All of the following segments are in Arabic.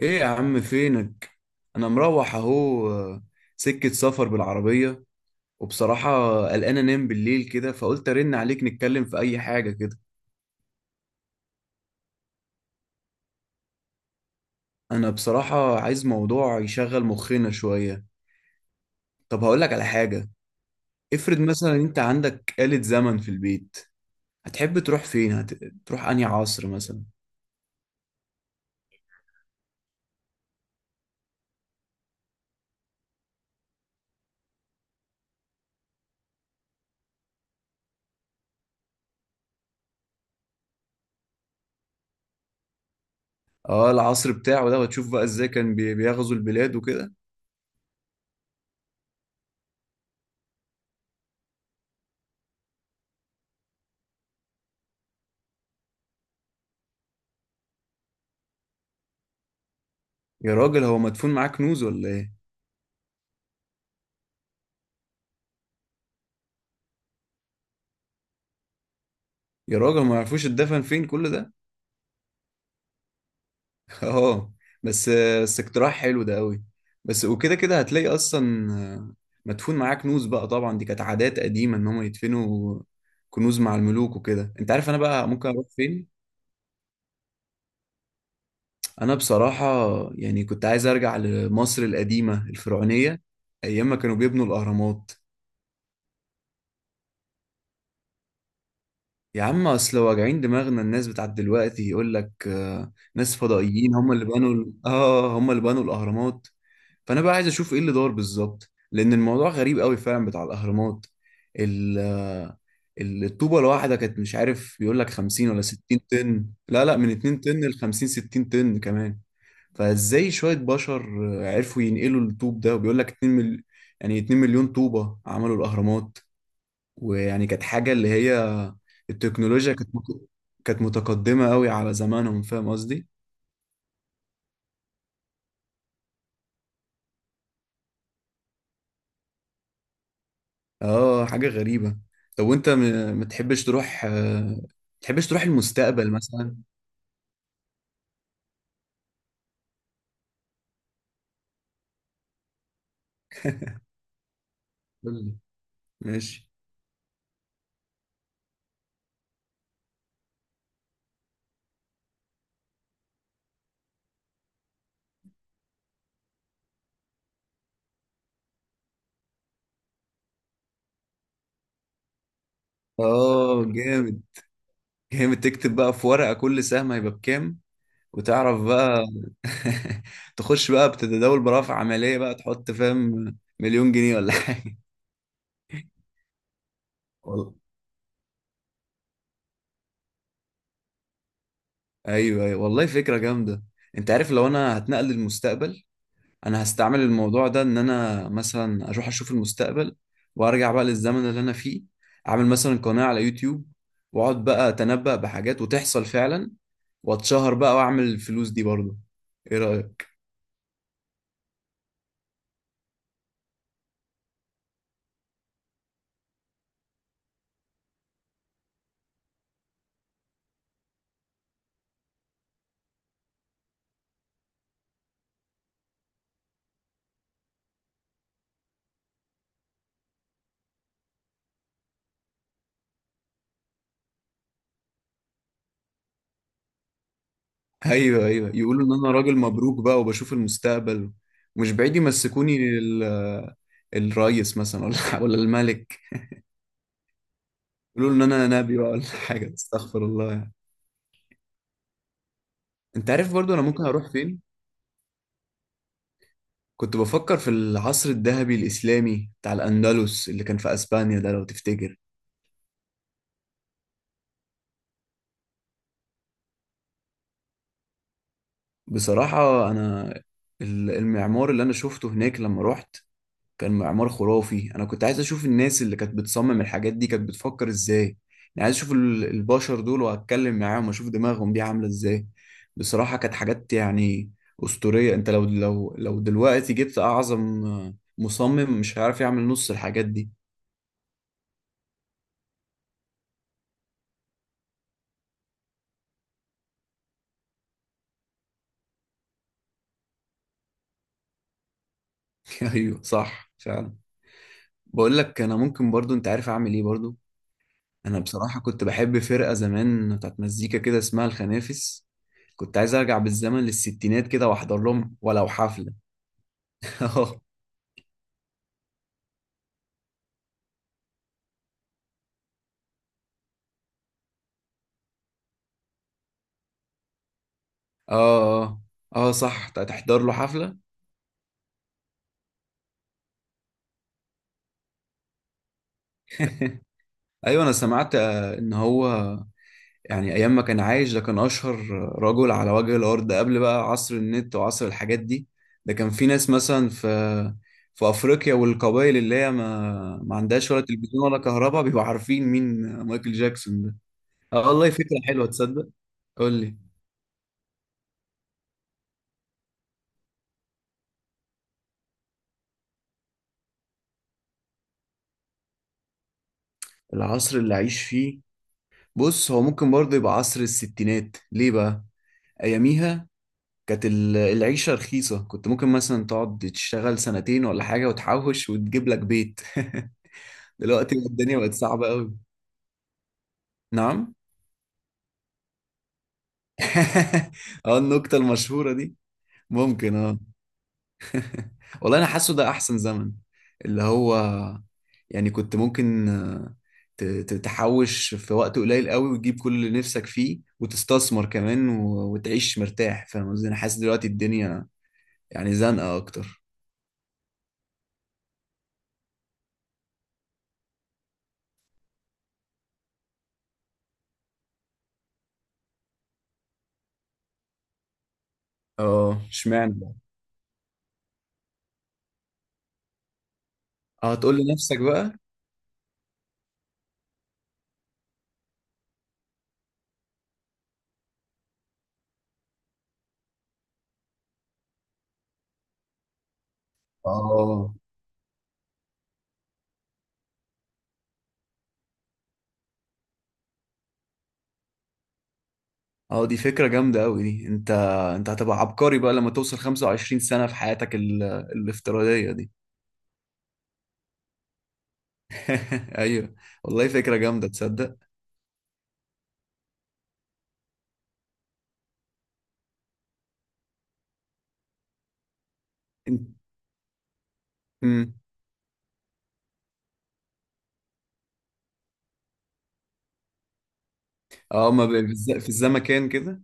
ايه يا عم فينك؟ انا مروح اهو، سكة سفر بالعربية. وبصراحة قلقان انام بالليل كده، فقلت ارن عليك نتكلم في اي حاجة كده. انا بصراحة عايز موضوع يشغل مخنا شوية. طب هقولك على حاجة. افرض مثلا انت عندك آلة زمن في البيت، هتحب تروح فين تروح انهي عصر مثلا؟ اه العصر بتاعه ده، وتشوف بقى ازاي كان بيغزو البلاد وكده. يا راجل هو مدفون معاه كنوز ولا ايه؟ يا راجل ما يعرفوش اتدفن فين كل ده؟ اه، بس بس اقتراح حلو ده قوي. بس وكده كده هتلاقي اصلا آه، مدفون معاه كنوز بقى. طبعا دي كانت عادات قديمه ان هم يدفنوا كنوز مع الملوك وكده. انت عارف انا بقى ممكن اروح فين؟ انا بصراحه يعني كنت عايز ارجع لمصر القديمه الفرعونيه ايام ما كانوا بيبنوا الاهرامات. يا عم اصل واجعين دماغنا، الناس بتاعت دلوقتي يقول لك ناس فضائيين هم اللي بنوا هم اللي بنوا الاهرامات. فانا بقى عايز اشوف ايه اللي دار بالظبط، لان الموضوع غريب قوي فعلا بتاع الاهرامات. ال الطوبه الواحده كانت، مش عارف بيقول لك 50 ولا 60 طن، لا لا من 2 طن ل 50 60 طن كمان. فازاي شويه بشر عرفوا ينقلوا الطوب ده، وبيقول لك يعني 2 مليون طوبه عملوا الاهرامات. ويعني كانت حاجه اللي هي التكنولوجيا كانت كانت متقدمه قوي على زمانهم، فاهم قصدي. اه حاجة غريبة. طب وانت، ما تحبش تروح المستقبل مثلا؟ قول لي. ماشي. اه جامد، جامد. تكتب بقى في ورقة كل سهم هيبقى بكام، وتعرف بقى. تخش بقى بتتداول برافع عملية بقى، تحط فاهم مليون جنيه ولا حاجة. والله. ايوه، أيوة. والله فكرة جامدة. انت عارف لو انا هتنقل للمستقبل، انا هستعمل الموضوع ده ان انا مثلا اروح اشوف المستقبل وارجع بقى للزمن اللي انا فيه. اعمل مثلا قناة على يوتيوب، واقعد بقى اتنبأ بحاجات وتحصل فعلا، واتشهر بقى واعمل الفلوس دي برضه. ايه رأيك؟ ايوه، ايوه. يقولوا ان انا راجل مبروك بقى وبشوف المستقبل. مش بعيد يمسكوني الرئيس مثلا، ولا ولا الملك. يقولوا ان انا نبي بقى ولا حاجة، استغفر الله يعني. انت عارف برضه انا ممكن اروح فين؟ كنت بفكر في العصر الذهبي الإسلامي بتاع الأندلس اللي كان في أسبانيا ده، لو تفتكر. بصراحة أنا المعمار اللي أنا شفته هناك لما رحت كان معمار خرافي. أنا كنت عايز أشوف الناس اللي كانت بتصمم الحاجات دي كانت بتفكر إزاي. يعني عايز أشوف البشر دول وأتكلم معاهم وأشوف دماغهم دي عاملة إزاي. بصراحة كانت حاجات يعني أسطورية. أنت لو لو دلوقتي جبت أعظم مصمم مش هيعرف يعمل نص الحاجات دي. أيوه صح فعلا. بقول لك انا ممكن برضو، انت عارف اعمل ايه برضو؟ انا بصراحه كنت بحب فرقه زمان بتاعت مزيكا كده اسمها الخنافس. كنت عايز ارجع بالزمن للستينات كده واحضر لهم ولو حفله. اه. اه، اه صح، تحضر له حفله. ايوه انا سمعت ان هو يعني ايام ما كان عايش، ده كان اشهر رجل على وجه الارض قبل بقى عصر النت وعصر الحاجات دي. ده كان في ناس مثلا في افريقيا والقبائل اللي هي ما ما عندهاش ولا تلفزيون ولا كهرباء، بيبقوا عارفين مين مايكل جاكسون ده. اه والله فكرة حلوة تصدق. قول لي. العصر اللي عايش فيه؟ بص هو ممكن برضه يبقى عصر الستينات. ليه بقى؟ اياميها كانت العيشة رخيصة. كنت ممكن مثلا تقعد تشتغل سنتين ولا حاجة وتحوش وتجيب لك بيت. دلوقتي الدنيا بقت صعبة قوي. نعم؟ اه النكتة المشهورة دي. ممكن، اه. والله انا حاسه ده احسن زمن اللي هو. يعني كنت ممكن تحوش في وقت قليل قوي وتجيب كل اللي نفسك فيه وتستثمر كمان وتعيش مرتاح، فاهم قصدي؟ انا حاسس دلوقتي الدنيا يعني زنقة اكتر. اه اشمعنى بقى؟ اه تقول لنفسك بقى. اه، اه دي فكرة جامدة أوي دي. أنت هتبقى عبقري بقى لما توصل 25 سنة في حياتك الافتراضية دي. أيوه والله فكرة جامدة تصدق. أنت. مم. اه، ما ب... في الزمكان كده.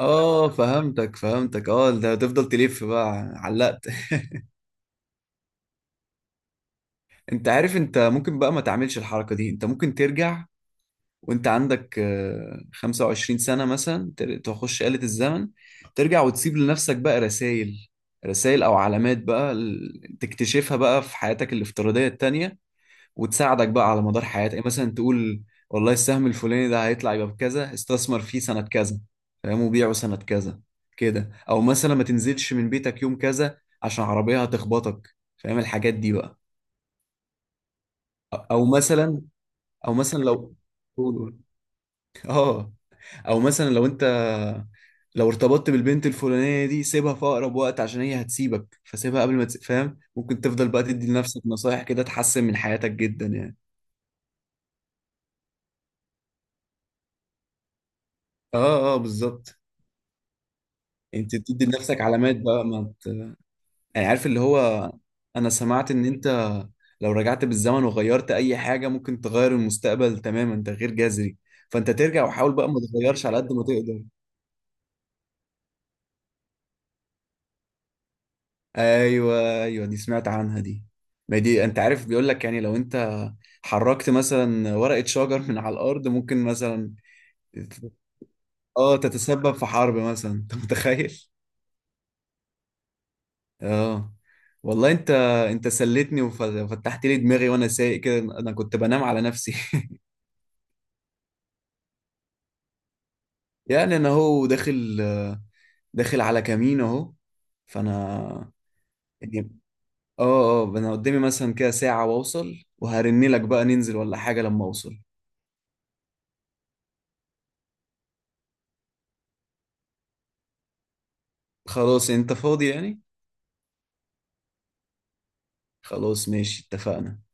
اه فهمتك، فهمتك. اه ده هتفضل تلف بقى، علقت. أنت عارف أنت ممكن بقى ما تعملش الحركة دي. أنت ممكن ترجع وانت عندك، 25 سنة مثلا، تخش آلة الزمن ترجع وتسيب لنفسك بقى رسائل، رسائل او علامات بقى تكتشفها بقى في حياتك الافتراضية التانية، وتساعدك بقى على مدار حياتك. يعني مثلا تقول: والله السهم الفلاني ده هيطلع يبقى بكذا، استثمر فيه سنة كذا، فاهم، وبيعه سنة كذا كده. او مثلا ما تنزلش من بيتك يوم كذا عشان عربية هتخبطك، فاهم الحاجات دي بقى. او مثلا، او مثلا لو قول. اه. او مثلا لو ارتبطت بالبنت الفلانيه دي سيبها في اقرب وقت عشان هي هتسيبك، فسيبها قبل ما فاهم؟ ممكن تفضل بقى تدي لنفسك نصايح كده تحسن من حياتك جدا يعني. اه، اه بالظبط. انت بتدي لنفسك علامات بقى، ما ت... يعني عارف اللي هو. انا سمعت ان انت لو رجعت بالزمن وغيرت اي حاجه ممكن تغير المستقبل تماما تغيير جذري. فانت ترجع وحاول بقى ما تغيرش على قد ما تقدر. ايوه، ايوه دي سمعت عنها دي. ما دي انت عارف بيقول لك يعني لو انت حركت مثلا ورقة شجر من على الأرض ممكن مثلا اه تتسبب في حرب مثلا، انت متخيل. اه والله انت سليتني وفتحت لي دماغي وانا سايق كده، انا كنت بنام على نفسي. يعني انا اهو داخل، داخل على كمين اهو. فانا يعني، اه، اه انا قدامي مثلا كده ساعة واوصل، وهرن لك بقى ننزل ولا حاجة لما اوصل. خلاص انت فاضي يعني؟ خلاص ماشي اتفقنا.